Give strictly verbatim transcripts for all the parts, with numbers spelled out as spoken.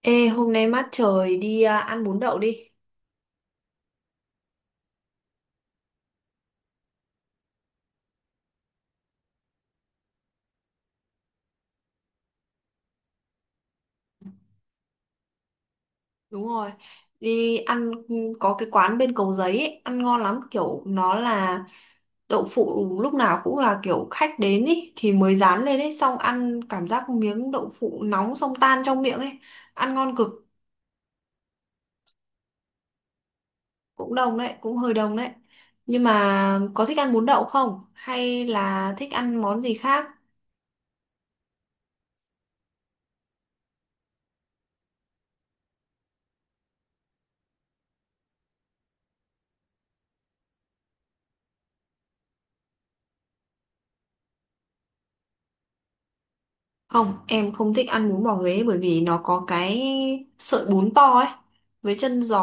Ê, hôm nay mát trời đi à, ăn bún đậu đi. Đúng rồi. Đi ăn ừ, có cái quán bên Cầu Giấy ấy, ăn ngon lắm, kiểu nó là đậu phụ lúc nào cũng là kiểu khách đến ấy thì mới rán lên ấy, xong ăn cảm giác miếng đậu phụ nóng xong tan trong miệng ấy. Ăn ngon cực, cũng đồng đấy, cũng hơi đồng đấy. Nhưng mà có thích ăn bún đậu không? Hay là thích ăn món gì khác? Không, em không thích ăn bún bò Huế bởi vì nó có cái sợi bún to ấy với chân giò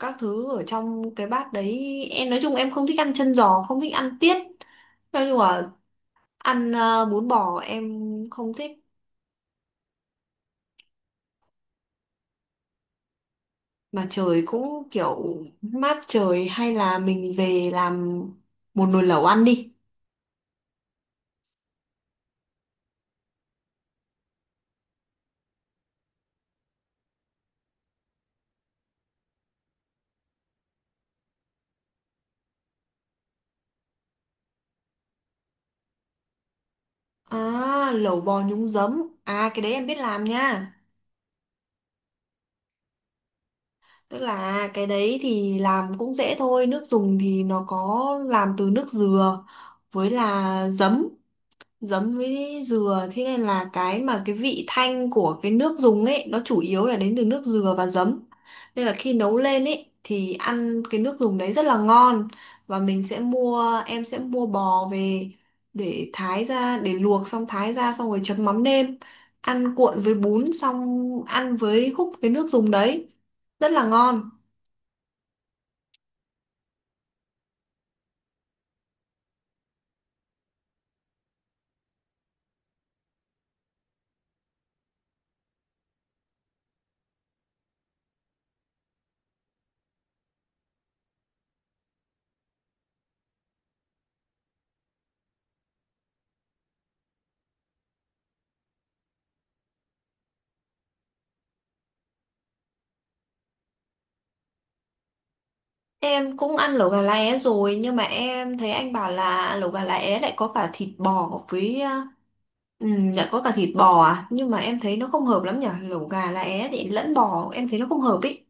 các thứ ở trong cái bát đấy. Em nói chung em không thích ăn chân giò, không thích ăn tiết. Nói chung là ăn ờ, bún bò em không thích mà trời cũng kiểu mát trời hay là mình về làm một nồi lẩu ăn đi. À, lẩu bò nhúng giấm. À cái đấy em biết làm nha. Tức là cái đấy thì làm cũng dễ thôi, nước dùng thì nó có làm từ nước dừa với là giấm, giấm với dừa thế nên là cái mà cái vị thanh của cái nước dùng ấy nó chủ yếu là đến từ nước dừa và giấm. Nên là khi nấu lên ấy thì ăn cái nước dùng đấy rất là ngon và mình sẽ mua em sẽ mua bò về để thái ra để luộc xong thái ra xong rồi chấm mắm nêm, ăn cuộn với bún xong ăn với húp cái nước dùng đấy rất là ngon. Em cũng ăn lẩu gà lá é rồi nhưng mà em thấy anh bảo là lẩu gà lá é lại có cả thịt bò với ờ, ừm, lại có cả thịt bò à nhưng mà em thấy nó không hợp lắm nhở, lẩu gà lá é thì lẫn bò em thấy nó không hợp ý.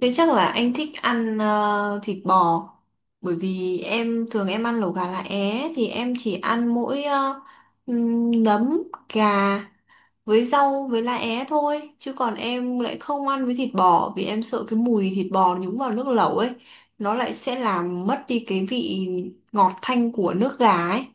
Thế chắc là anh thích ăn ờ, thịt bò bởi vì em thường em ăn lẩu gà lá é thì em chỉ ăn mỗi ờ, ừm, nấm gà với rau với lá é thôi, chứ còn em lại không ăn với thịt bò vì em sợ cái mùi thịt bò nhúng vào nước lẩu ấy nó lại sẽ làm mất đi cái vị ngọt thanh của nước gà ấy.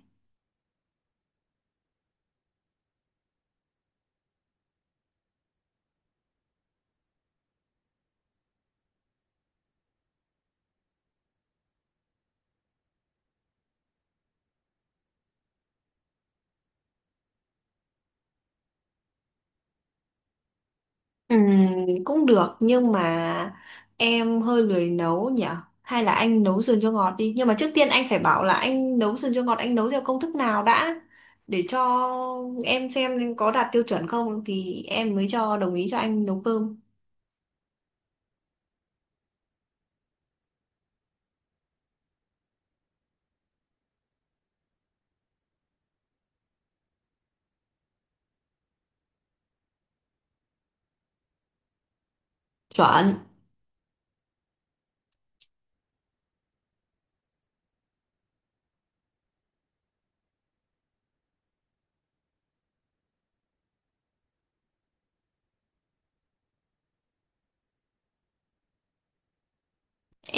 Ừm, cũng được nhưng mà em hơi lười nấu nhỉ, hay là anh nấu sườn cho ngọt đi, nhưng mà trước tiên anh phải bảo là anh nấu sườn cho ngọt anh nấu theo công thức nào đã để cho em xem có đạt tiêu chuẩn không thì em mới cho đồng ý cho anh nấu cơm. Chuẩn.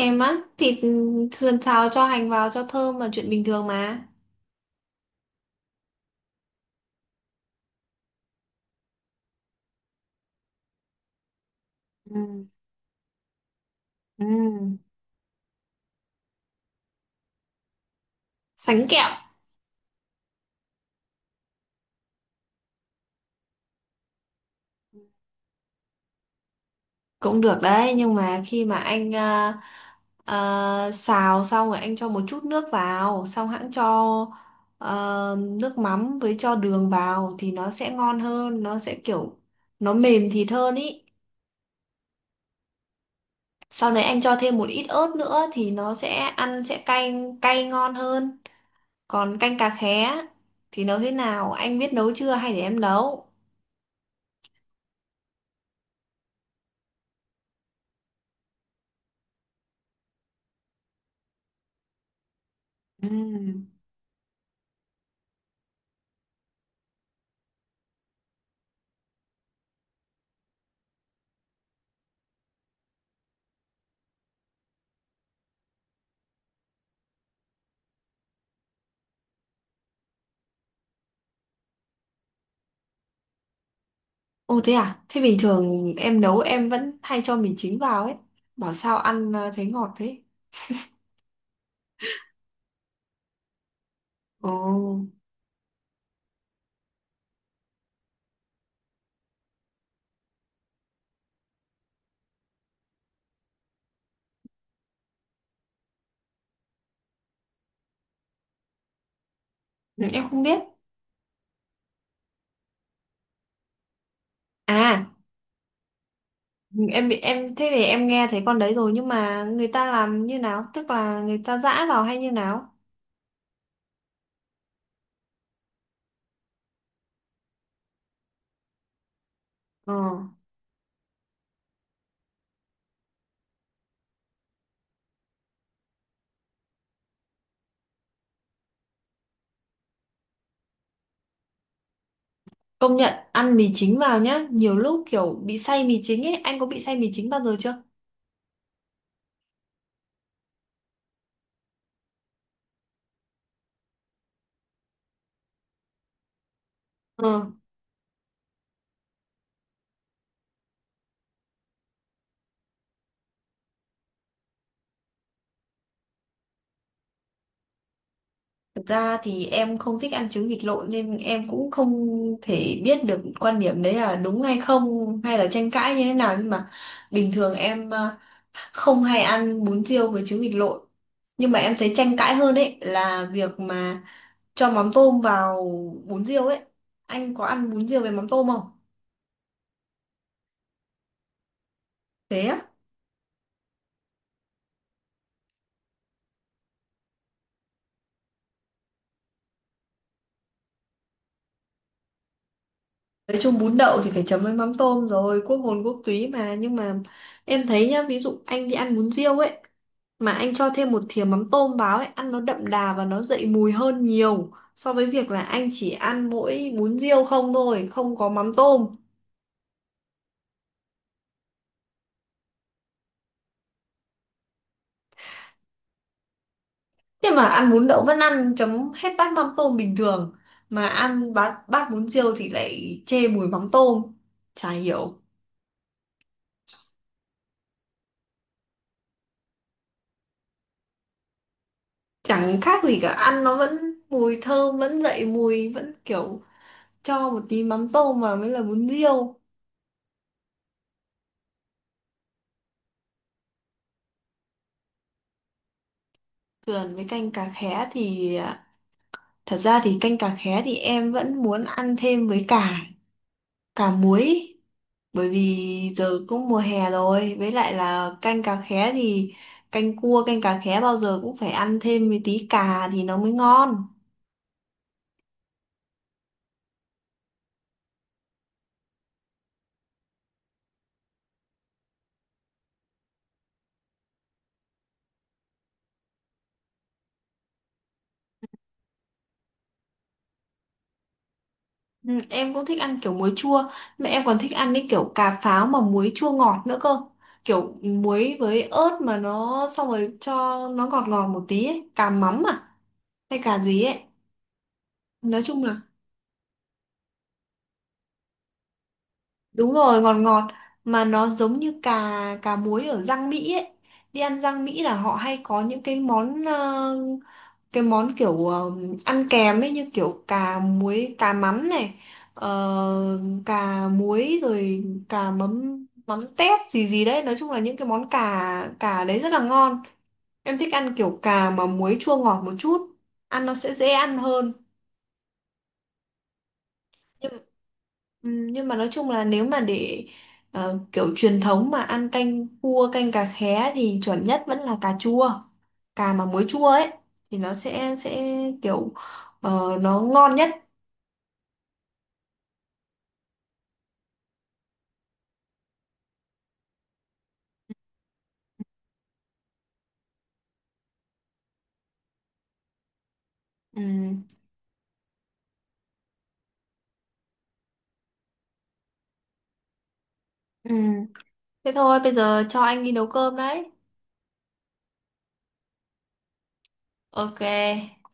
Em á, thịt sườn xào cho hành vào cho thơm là chuyện bình thường mà. Ừ. Ừ. Sánh kẹo. Cũng được đấy, nhưng mà khi mà anh ờ, ờ, xào xong rồi anh cho một chút nước vào, xong hãng cho ờ, nước mắm với cho đường vào thì nó sẽ ngon hơn, nó sẽ kiểu nó mềm thịt hơn ý. Sau đấy anh cho thêm một ít ớt nữa thì nó sẽ ăn sẽ cay cay ngon hơn. Còn canh cà khé thì nấu thế nào? Anh biết nấu chưa hay để em nấu? Ừ. Ồ thế à? Thế bình thường em nấu em vẫn hay cho mì chính vào ấy. Bảo sao ăn ờ, thấy ngọt thế? Ồ, ừ, em không biết. À, em bị em thế thì em nghe thấy con đấy rồi nhưng mà người ta làm như nào? Tức là người ta giã vào hay như nào? Ờ. Công nhận ăn mì chính vào nhá, nhiều lúc kiểu bị say mì chính ấy, anh có bị say mì chính bao giờ chưa? Ờ. Thực ra thì em không thích ăn trứng vịt lộn nên em cũng không thể biết được quan điểm đấy là đúng hay không hay là tranh cãi như thế nào, nhưng mà bình thường em ờ, không hay ăn bún riêu với trứng vịt lộn, nhưng mà em thấy tranh cãi hơn ấy là việc mà cho mắm tôm vào bún riêu ấy, anh có ăn bún riêu với mắm tôm không? Thế á. Nói chung bún đậu thì phải chấm với mắm tôm rồi, quốc hồn quốc túy mà. Nhưng mà em thấy nhá, ví dụ anh đi ăn bún riêu ấy, mà anh cho thêm một thìa mắm tôm vào ấy, ăn nó đậm đà và nó dậy mùi hơn nhiều so với việc là anh chỉ ăn mỗi bún riêu không thôi, không có mắm tôm. Nhưng mà ăn bún đậu vẫn ăn chấm hết bát mắm tôm bình thường, mà ăn bát, bát bún riêu thì lại chê mùi mắm tôm. Chả hiểu, chẳng khác gì cả, ăn nó vẫn mùi thơm, vẫn dậy mùi, vẫn kiểu cho một tí mắm tôm vào mới là bún riêu. Sườn với canh cà khé thì à, thật ra thì canh cà khé thì em vẫn muốn ăn thêm với cả cả muối ý. Bởi vì giờ cũng mùa hè rồi với lại là canh cà khé thì canh cua canh cà khé bao giờ cũng phải ăn thêm với tí cà thì nó mới ngon. Ừ, em cũng thích ăn kiểu muối chua, mà em còn thích ăn cái kiểu cà pháo mà muối chua ngọt nữa cơ, kiểu muối với ớt mà nó xong rồi cho nó ngọt ngọt một tí ấy. Cà mắm à hay cà gì ấy. Nói chung là đúng rồi ngọt ngọt, mà nó giống như cà cà muối ở rang Mỹ ấy, đi ăn rang Mỹ là họ hay có những cái món ờ, cái món kiểu ờ, ăn kèm ấy, như kiểu cà muối cà mắm này, ờ, cà muối rồi cà mắm mắm tép gì gì đấy, nói chung là những cái món cà cà đấy rất là ngon. Em thích ăn kiểu cà mà muối chua ngọt một chút, ăn nó sẽ dễ ăn hơn. Nhưng ừm, nhưng mà nói chung là nếu mà để ờ, kiểu truyền thống mà ăn canh cua canh cà khé thì chuẩn nhất vẫn là cà chua, cà mà muối chua ấy thì nó sẽ sẽ kiểu ờ, nó ngon nhất. Ừm, ừm. Thế thôi bây giờ cho anh đi nấu cơm đấy. OK.